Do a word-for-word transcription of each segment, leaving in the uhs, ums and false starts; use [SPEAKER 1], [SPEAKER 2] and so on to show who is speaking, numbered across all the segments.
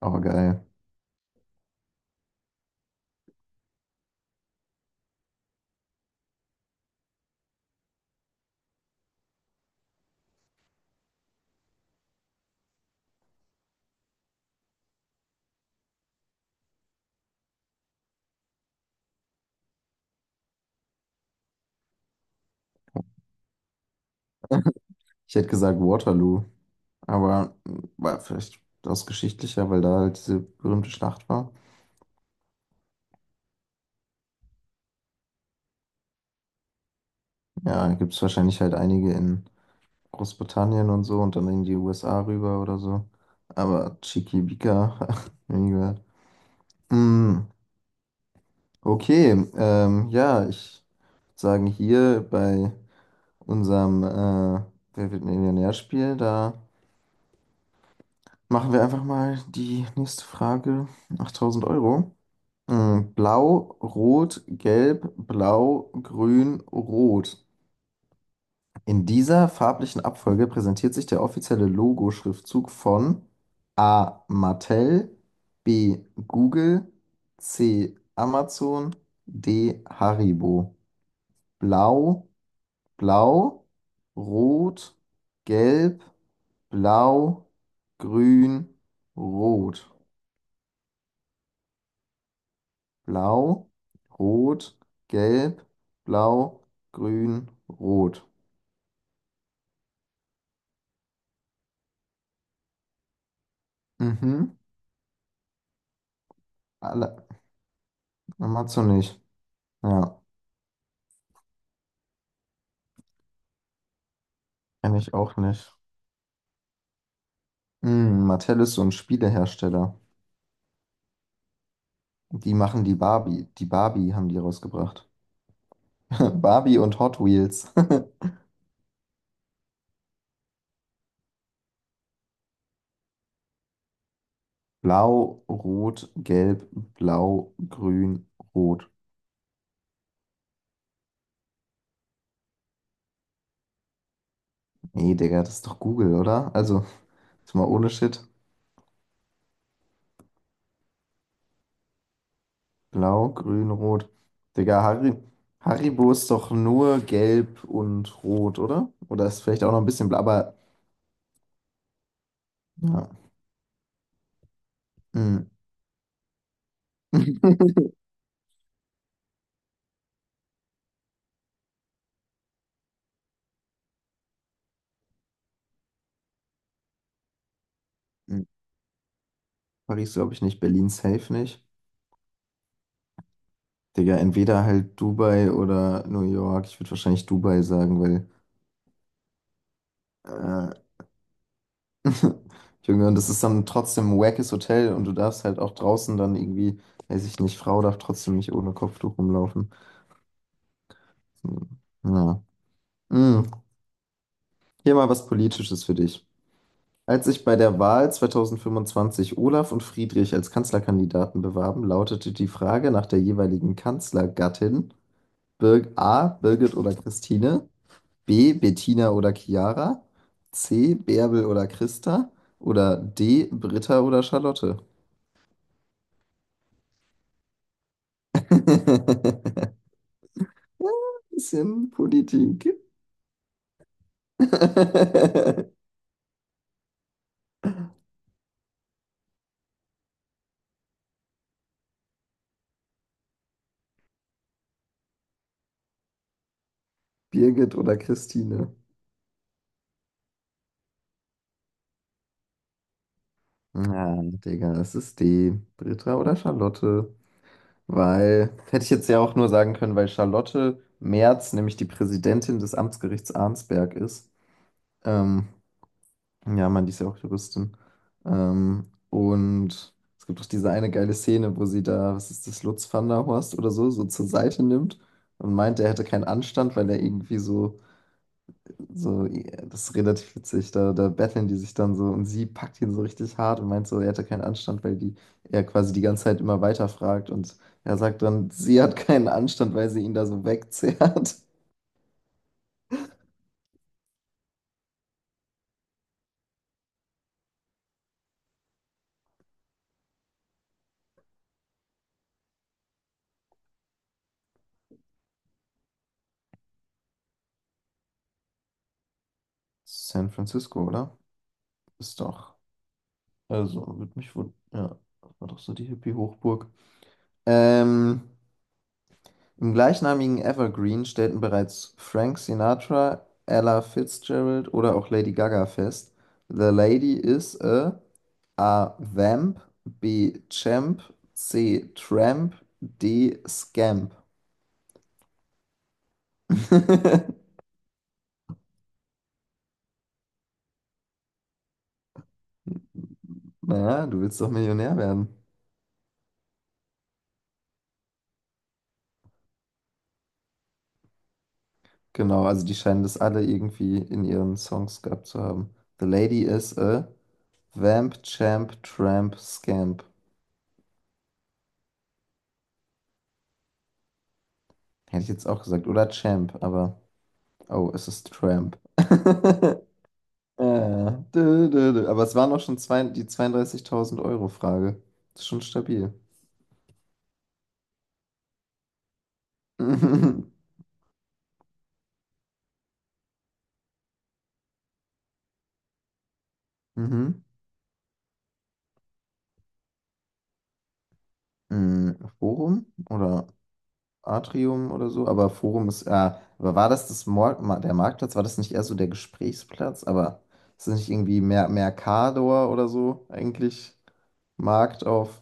[SPEAKER 1] Aber geil. Ich hätte gesagt Waterloo, aber mh, war vielleicht aus geschichtlicher, weil da halt diese berühmte Schlacht war. Ja, gibt es wahrscheinlich halt einige in Großbritannien und so und dann in die U S A rüber oder so. Aber Chiquibika, nie gehört. Mm, okay, ähm, ja, ich würd sagen hier bei unserem äh, Wer wird Millionär-Spiel, da machen wir einfach mal die nächste Frage, achttausend Euro. Mm, blau, rot, gelb, blau, grün, rot. In dieser farblichen Abfolge präsentiert sich der offizielle Logo-Schriftzug von A. Mattel, B. Google, C. Amazon, D. Haribo. Blau, Blau, rot, gelb, blau, grün, rot. Blau, rot, gelb, blau, grün, rot. Mhm. Alle. Matzo nicht. Ja, kenne ich auch nicht. Hm, Mattel ist so ein Spielehersteller. Die machen die Barbie. Die Barbie haben die rausgebracht. Barbie und Hot Wheels. Blau, rot, gelb, blau, grün, rot. Nee, Digga, das ist doch Google, oder? Also, jetzt mal ohne Shit. Blau, grün, rot. Digga, Harry, Haribo ist doch nur gelb und rot, oder? Oder ist vielleicht auch noch ein bisschen blau, aber ja. Hm. Hm. Paris glaube ich nicht, Berlin safe nicht. Digga, entweder halt Dubai oder New York. Ich würde wahrscheinlich Dubai sagen, weil äh, Junge, und das ist dann trotzdem ein wackes Hotel und du darfst halt auch draußen dann irgendwie, weiß ich nicht, Frau darf trotzdem nicht ohne Kopftuch rumlaufen. Hm. Ja. Hm. Hier mal was Politisches für dich. Als sich bei der Wahl zweitausendfünfundzwanzig Olaf und Friedrich als Kanzlerkandidaten bewarben, lautete die Frage nach der jeweiligen Kanzlergattin Bir A. Birgit oder Christine, B. Bettina oder Chiara, C. Bärbel oder Christa oder D. Britta oder Charlotte. Bisschen Politik. Birgit oder Christine? Na, Digga, es ist D. Britta oder Charlotte? Weil, hätte ich jetzt ja auch nur sagen können, weil Charlotte Merz nämlich die Präsidentin des Amtsgerichts Arnsberg ist. Ähm, ja, man, die ist ja auch Juristin. Ähm, und es gibt doch diese eine geile Szene, wo sie da, was ist das, Lutz van der Horst oder so, so zur Seite nimmt und meint, er hätte keinen Anstand, weil er irgendwie so so, ja, das ist relativ witzig. Da, da betteln die sich dann so und sie packt ihn so richtig hart und meint so, er hätte keinen Anstand, weil die er quasi die ganze Zeit immer weiterfragt und er sagt dann, sie hat keinen Anstand, weil sie ihn da so wegzerrt. San Francisco, oder? Ist doch. Also, würde mich wohl. Ja, das war doch so die Hippie-Hochburg. Ähm, im gleichnamigen Evergreen stellten bereits Frank Sinatra, Ella Fitzgerald oder auch Lady Gaga fest. The lady is a. A. Vamp. B. Champ. C. Tramp. D. Scamp. Naja, du willst doch Millionär werden. Genau, also die scheinen das alle irgendwie in ihren Songs gehabt zu haben. The lady is a Vamp, Champ, Tramp, Scamp. Hätte ich jetzt auch gesagt. Oder Champ, aber. Oh, es ist Tramp. Äh, dö, dö, dö. Aber es waren auch schon zwei, die zweiunddreißigtausend Euro Frage. Ist schon stabil. Mhm. Hm, Forum oder Atrium oder so, aber Forum ist, äh, aber war das das Mor Ma- der Marktplatz? War das nicht eher so der Gesprächsplatz? Aber ist das nicht irgendwie Mer Mercador oder so eigentlich? Markt auf.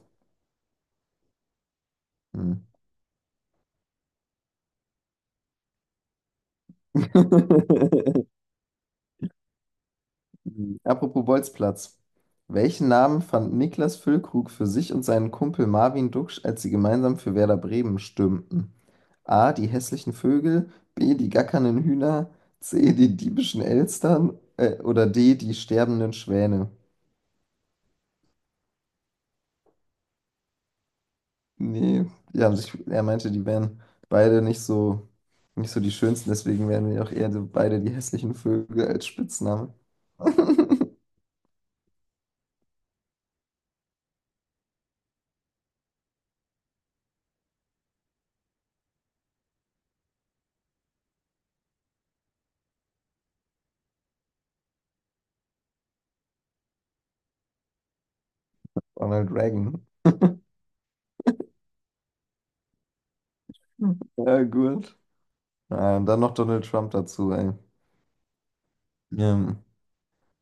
[SPEAKER 1] Hm. Mhm. Apropos Bolzplatz. Welchen Namen fand Niklas Füllkrug für sich und seinen Kumpel Marvin Duksch, als sie gemeinsam für Werder Bremen stürmten? A. Die hässlichen Vögel, B. Die gackernden Hühner, C. Die diebischen Elstern äh, oder D. Die sterbenden Schwäne? Nee, die haben sich, er meinte, die wären beide nicht so, nicht so die schönsten, deswegen wären wir auch eher so beide die hässlichen Vögel als Spitzname. Ronald Reagan. Ja, gut. Ah, und dann noch Donald Trump dazu, ey. Ähm,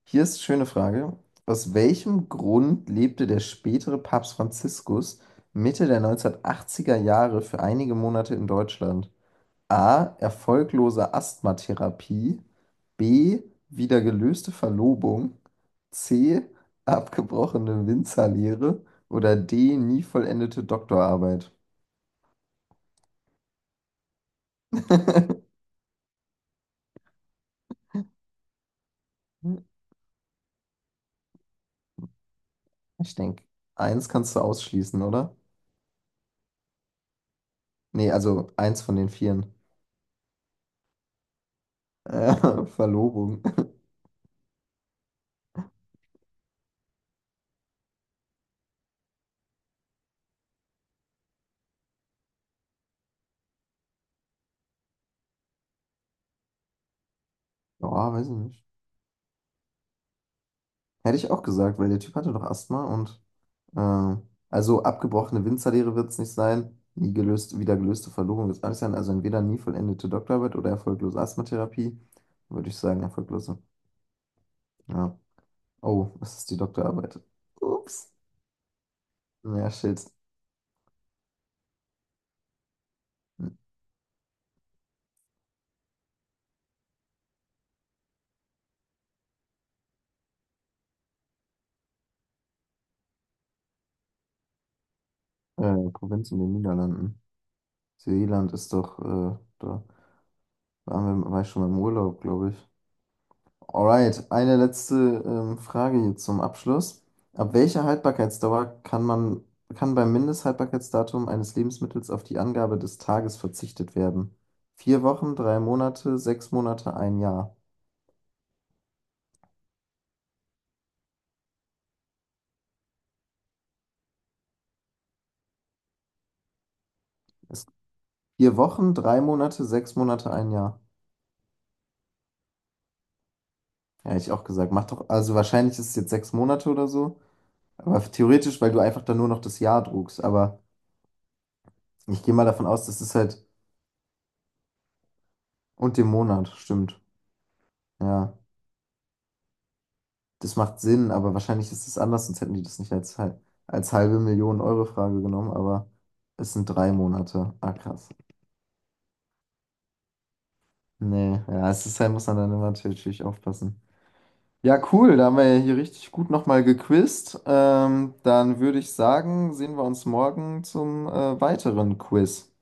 [SPEAKER 1] hier ist eine schöne Frage. Aus welchem Grund lebte der spätere Papst Franziskus Mitte der neunzehnhundertachtziger Jahre für einige Monate in Deutschland? A. Erfolglose Asthmatherapie. B. Wieder gelöste Verlobung. C. Abgebrochene Winzerlehre. Oder D. Nie vollendete Doktorarbeit. Ich denke, eins kannst du ausschließen, oder? Nee, also eins von den vieren. Äh, Verlobung. Ja, weiß ich nicht. Hätte ich auch gesagt, weil der Typ hatte doch Asthma und äh, also abgebrochene Winzerlehre wird es nicht sein, nie gelöst, wieder gelöste Verlobung wird es auch nicht sein, also entweder nie vollendete Doktorarbeit oder erfolglose Asthmatherapie, würde ich sagen, erfolglose. Ja. Oh, es ist die Doktorarbeit. Ups. Ja, shit. Äh, Provinz in den Niederlanden. Seeland ist doch, äh, da waren wir, war ich schon mal im Urlaub, glaube ich. Alright, eine letzte ähm, Frage hier zum Abschluss. Ab welcher Haltbarkeitsdauer kann man, kann beim Mindesthaltbarkeitsdatum eines Lebensmittels auf die Angabe des Tages verzichtet werden? Vier Wochen, drei Monate, sechs Monate, ein Jahr. Ist vier Wochen, drei Monate, sechs Monate, ein Jahr. Ja, hätte ich auch gesagt. Macht doch, also wahrscheinlich ist es jetzt sechs Monate oder so. Aber theoretisch, weil du einfach dann nur noch das Jahr druckst. Aber ich gehe mal davon aus, das ist halt und den Monat, stimmt. Ja. Das macht Sinn, aber wahrscheinlich ist es anders, sonst hätten die das nicht als, hal- als halbe Million Euro Frage genommen, aber es sind drei Monate. Ah, krass. Nee, ja, es ist halt, muss man dann immer natürlich aufpassen. Ja, cool, da haben wir ja hier richtig gut nochmal gequizt. Ähm, dann würde ich sagen, sehen wir uns morgen zum äh, weiteren Quiz.